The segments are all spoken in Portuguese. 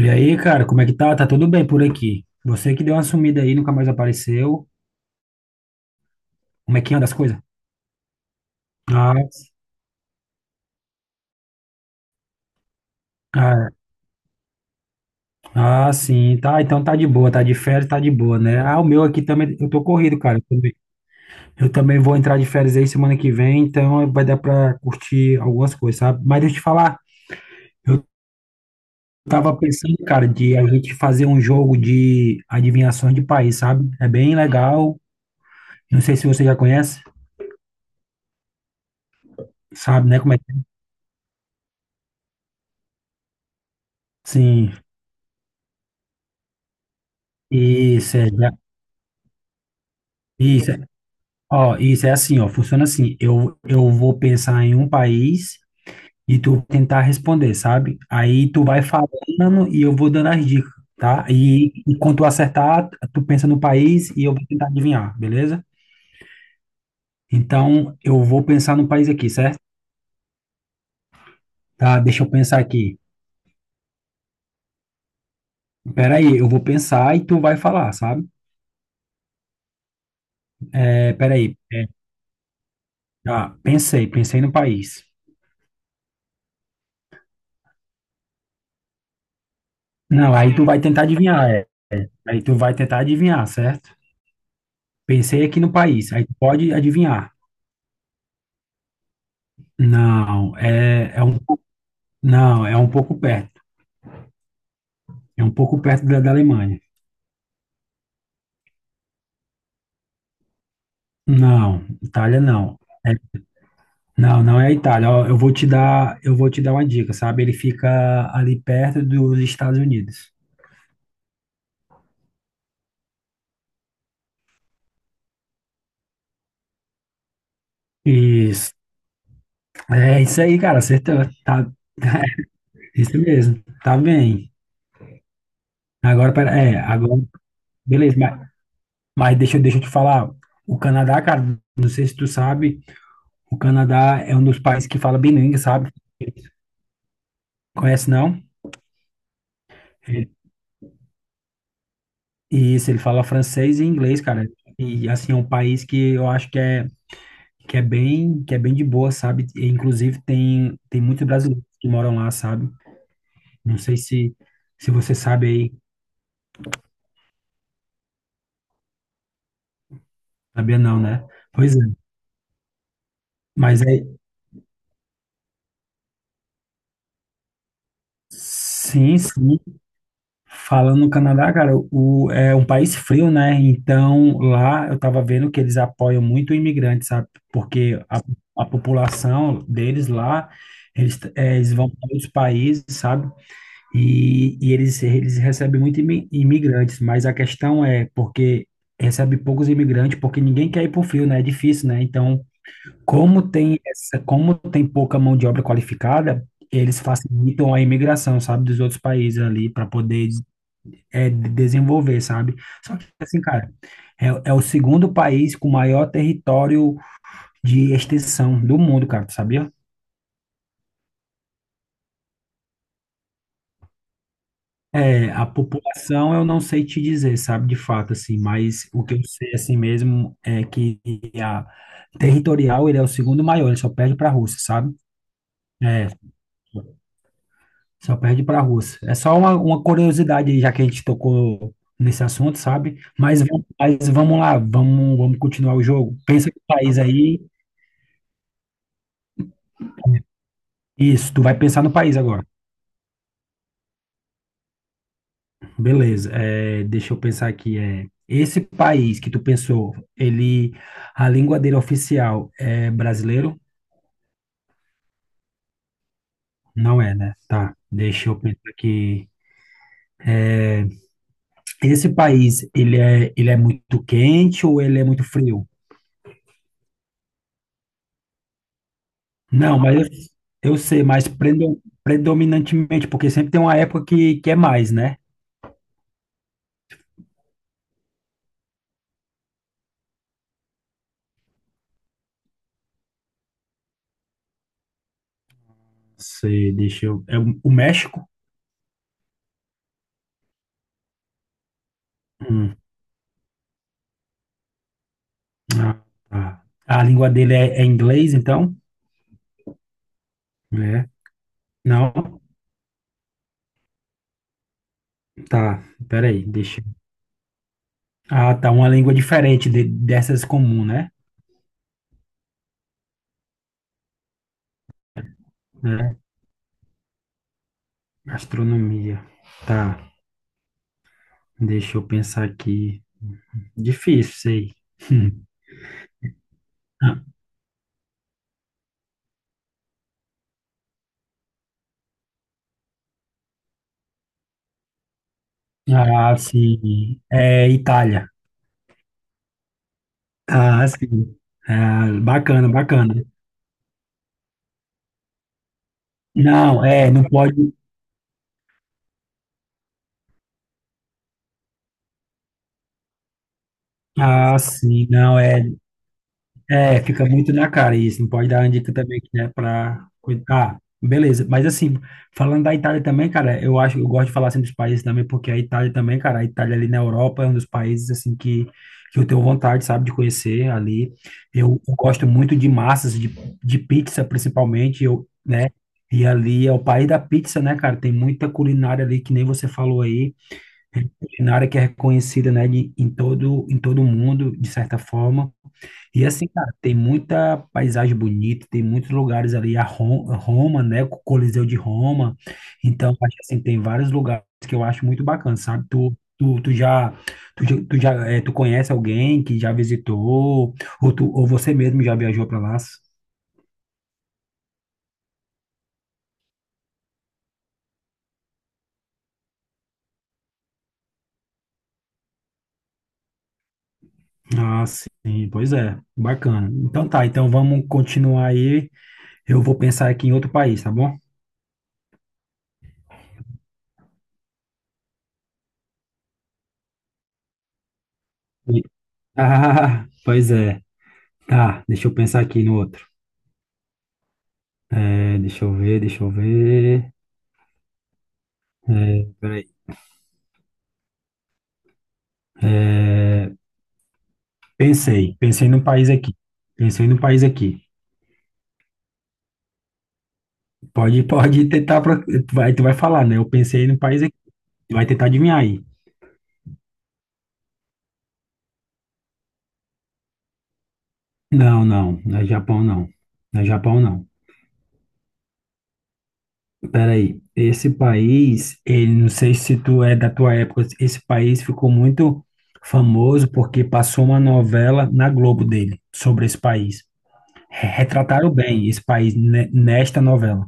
E aí, cara, como é que tá? Tá tudo bem por aqui? Você que deu uma sumida aí, nunca mais apareceu. Como é que anda as coisas? Ah, ah, sim, tá. Então tá de boa, tá de férias, tá de boa, né? Ah, o meu aqui também, eu tô corrido, cara. Eu também vou entrar de férias aí semana que vem, então vai dar pra curtir algumas coisas, sabe? Mas deixa eu te falar, eu tava pensando, cara, de a gente fazer um jogo de adivinhações de país, sabe? É bem legal. Não sei se você já conhece, sabe, né? Como é que. Sim, isso, isso, ó, isso é assim, ó, funciona assim. Eu vou pensar em um país e tu tentar responder, sabe? Aí tu vai falando e eu vou dando as dicas, tá? E quando tu acertar, tu pensa no país e eu vou tentar adivinhar, beleza? Então, eu vou pensar no país aqui, certo? Tá, deixa eu pensar aqui. Peraí, eu vou pensar e tu vai falar, sabe? É, peraí. Tá, pensei no país. Não, aí tu vai tentar adivinhar, é. Aí tu vai tentar adivinhar, certo? Pensei aqui no país, aí tu pode adivinhar. Não, é, é um, pou- não, é um pouco perto. É um pouco perto da Alemanha. Não, Itália não. É- não, não é a Itália. Ó, eu vou te dar uma dica, sabe? Ele fica ali perto dos Estados Unidos. Isso. É isso aí, cara. Acertou. Tá, isso mesmo. Tá bem. Agora, pera, é, agora, beleza, mas, deixa eu te falar. O Canadá, cara, não sei se tu sabe, o Canadá é um dos países que fala bilíngue, sabe? Conhece, não? Isso, ele fala francês e inglês, cara. E assim, é um país que eu acho que é bem de boa, sabe? E inclusive tem muitos brasileiros que moram lá, sabe? Não sei se você sabe aí, sabia não, né? Pois é. Mas é sim, sim. Falando no Canadá, cara, o é um país frio, né? Então lá eu tava vendo que eles apoiam muito o imigrante, sabe? Porque a população deles lá eles vão para outros países, sabe? E, eles recebem muito imigrantes, mas a questão é porque recebe poucos imigrantes, porque ninguém quer ir para o frio, né? É difícil, né? Então, como tem pouca mão de obra qualificada, eles facilitam a imigração, sabe, dos outros países ali para poder desenvolver, sabe? Só que assim, cara, é o segundo país com maior território de extensão do mundo, cara, tu sabia? É, a população eu não sei te dizer, sabe, de fato, assim, mas o que eu sei, assim mesmo, é que a territorial, ele é o segundo maior, ele só perde para a Rússia, sabe? É, só perde para a Rússia. É só uma curiosidade, aí, já que a gente tocou nesse assunto, sabe? Mas, mas vamos lá, vamos continuar o jogo. Pensa no país aí, isso, tu vai pensar no país agora. Beleza, é, deixa eu pensar aqui. É, esse país que tu pensou, ele, a língua dele oficial é brasileiro? Não é, né? Tá, deixa eu pensar aqui. Esse país, ele é muito quente ou ele é muito frio? Não, mas eu sei, mas predominantemente, porque sempre tem uma época que é mais, né? Sei, deixa eu. É o México? Hum, ah, tá. A língua dele é, é inglês, então? É. Não? Tá, peraí, deixa. Ah, tá. Uma língua diferente dessas comum, né? É. Gastronomia. Tá. Deixa eu pensar aqui. Difícil, sei. Ah, sim. É Itália. Ah, sim. Ah, bacana, bacana. Não, é, não pode. Ah, sim, não, é. É, fica muito na cara isso. Não pode dar uma dica também que é para cuidar. Ah, beleza. Mas assim, falando da Itália também, cara, eu acho, eu gosto de falar assim dos países também, porque a Itália também, cara, a Itália ali na Europa é um dos países assim que eu tenho vontade, sabe, de conhecer ali. Eu gosto muito de massas, de pizza principalmente, eu, né? E ali é o país da pizza, né, cara? Tem muita culinária ali que nem você falou aí, culinária que é reconhecida, né, de, em todo mundo, de certa forma. E assim, cara, tem muita paisagem bonita, tem muitos lugares ali, a Roma, né, o Coliseu de Roma. Então, acho que, assim, tem vários lugares que eu acho muito bacana, sabe? Tu já, eh, tu conhece alguém que já visitou, ou, tu, ou você mesmo já viajou para lá? Ah, sim, pois é, bacana. Então tá, então vamos continuar aí. Eu vou pensar aqui em outro país, tá bom? E- ah, pois é. Tá, deixa eu pensar aqui no outro. É, deixa eu ver. É, peraí. É, pensei num país aqui. Pensei num país aqui. Pode tentar. Tu vai, falar, né? Eu pensei num país aqui. Tu vai tentar adivinhar aí. Não, não. Não é Japão, não. Não é Japão, não. Peraí. Esse país, ele, não sei se tu é da tua época. Esse país ficou muito famoso porque passou uma novela na Globo dele sobre esse país. Retrataram bem esse país nesta novela.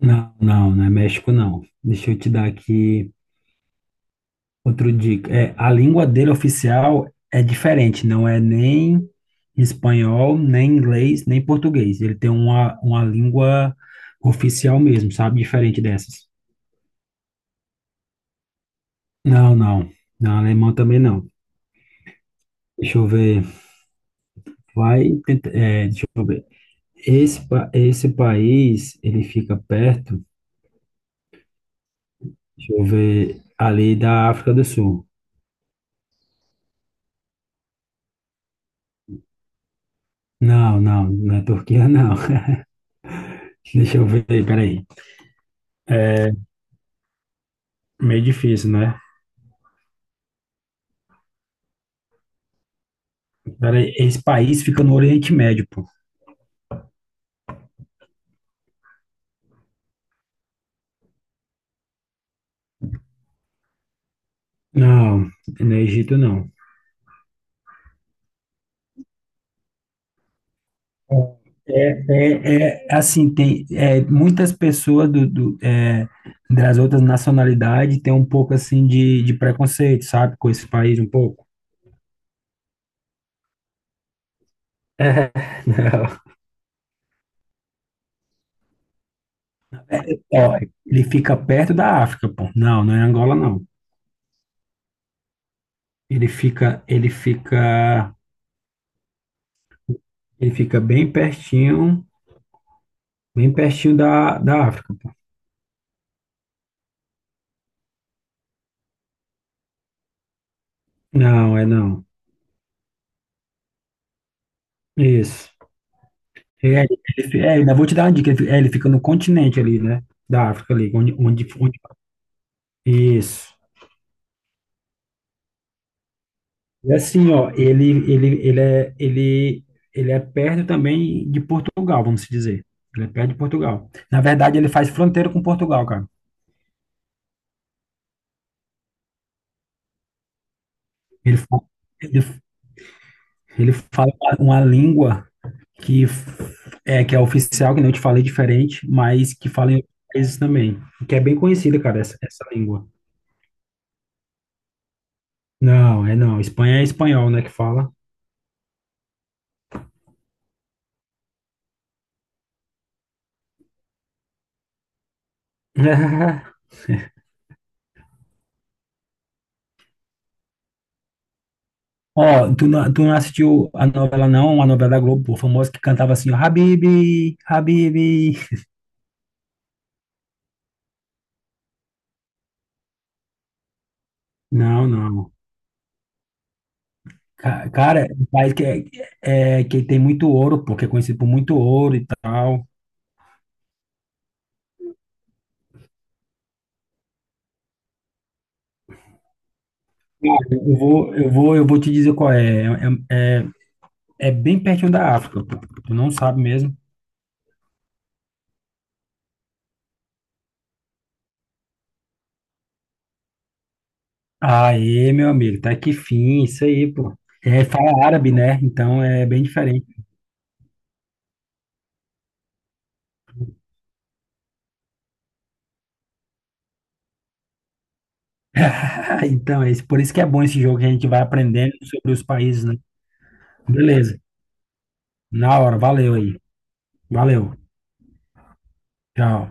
Não, não, não é México, não. Deixa eu te dar aqui outro dica. É, a língua dele oficial é diferente, não é nem espanhol, nem inglês, nem português. Ele tem uma língua oficial mesmo, sabe? Diferente dessas. Não, não. Não, alemão também não. Deixa eu ver. Vai, tentar. É, deixa eu ver. Esse, esse país, ele fica perto, deixa eu ver, ali da África do Sul. Não, não, não é Turquia, não. Deixa eu ver, peraí. É meio difícil, né? Cara, esse país fica no Oriente Médio, pô. Não, no Egito não. É assim, tem é, muitas pessoas das outras nacionalidades têm um pouco assim de preconceito, sabe? Com esse país um pouco. É, não. Ó, ele fica perto da África, pô. Não, não é Angola, não. Ele fica, ele fica, ele fica bem pertinho da África, pô. Não, é não. Isso. É, ainda vou te dar uma dica. Ele fica no continente ali, né? Da África ali, onde- isso. E assim, ó, ele é perto também de Portugal, vamos dizer. Ele é perto de Portugal. Na verdade, ele faz fronteira com Portugal, cara. Ele, fa- ele, ele fala uma língua que que é oficial, que nem eu te falei, diferente, mas que fala em outros países também. Que é bem conhecida, cara, essa língua. Não, é não. Espanha é espanhol, né, que fala. Ó, tu não assistiu a novela, não? A novela da Globo, pô, famosa que cantava assim, ó, Habibi, Habibi. Não, não. Cara, é um país que tem muito ouro, porque é conhecido por muito ouro e tal. Cara, eu vou te dizer qual é. É, é, é é bem pertinho da África, pô. Tu não sabe mesmo. Aê, meu amigo, tá que fim, isso aí, pô. É, fala árabe, né? Então é bem diferente. Então, é isso, por isso que é bom esse jogo que a gente vai aprendendo sobre os países, né? Beleza. Na hora, valeu aí. Valeu. Tchau.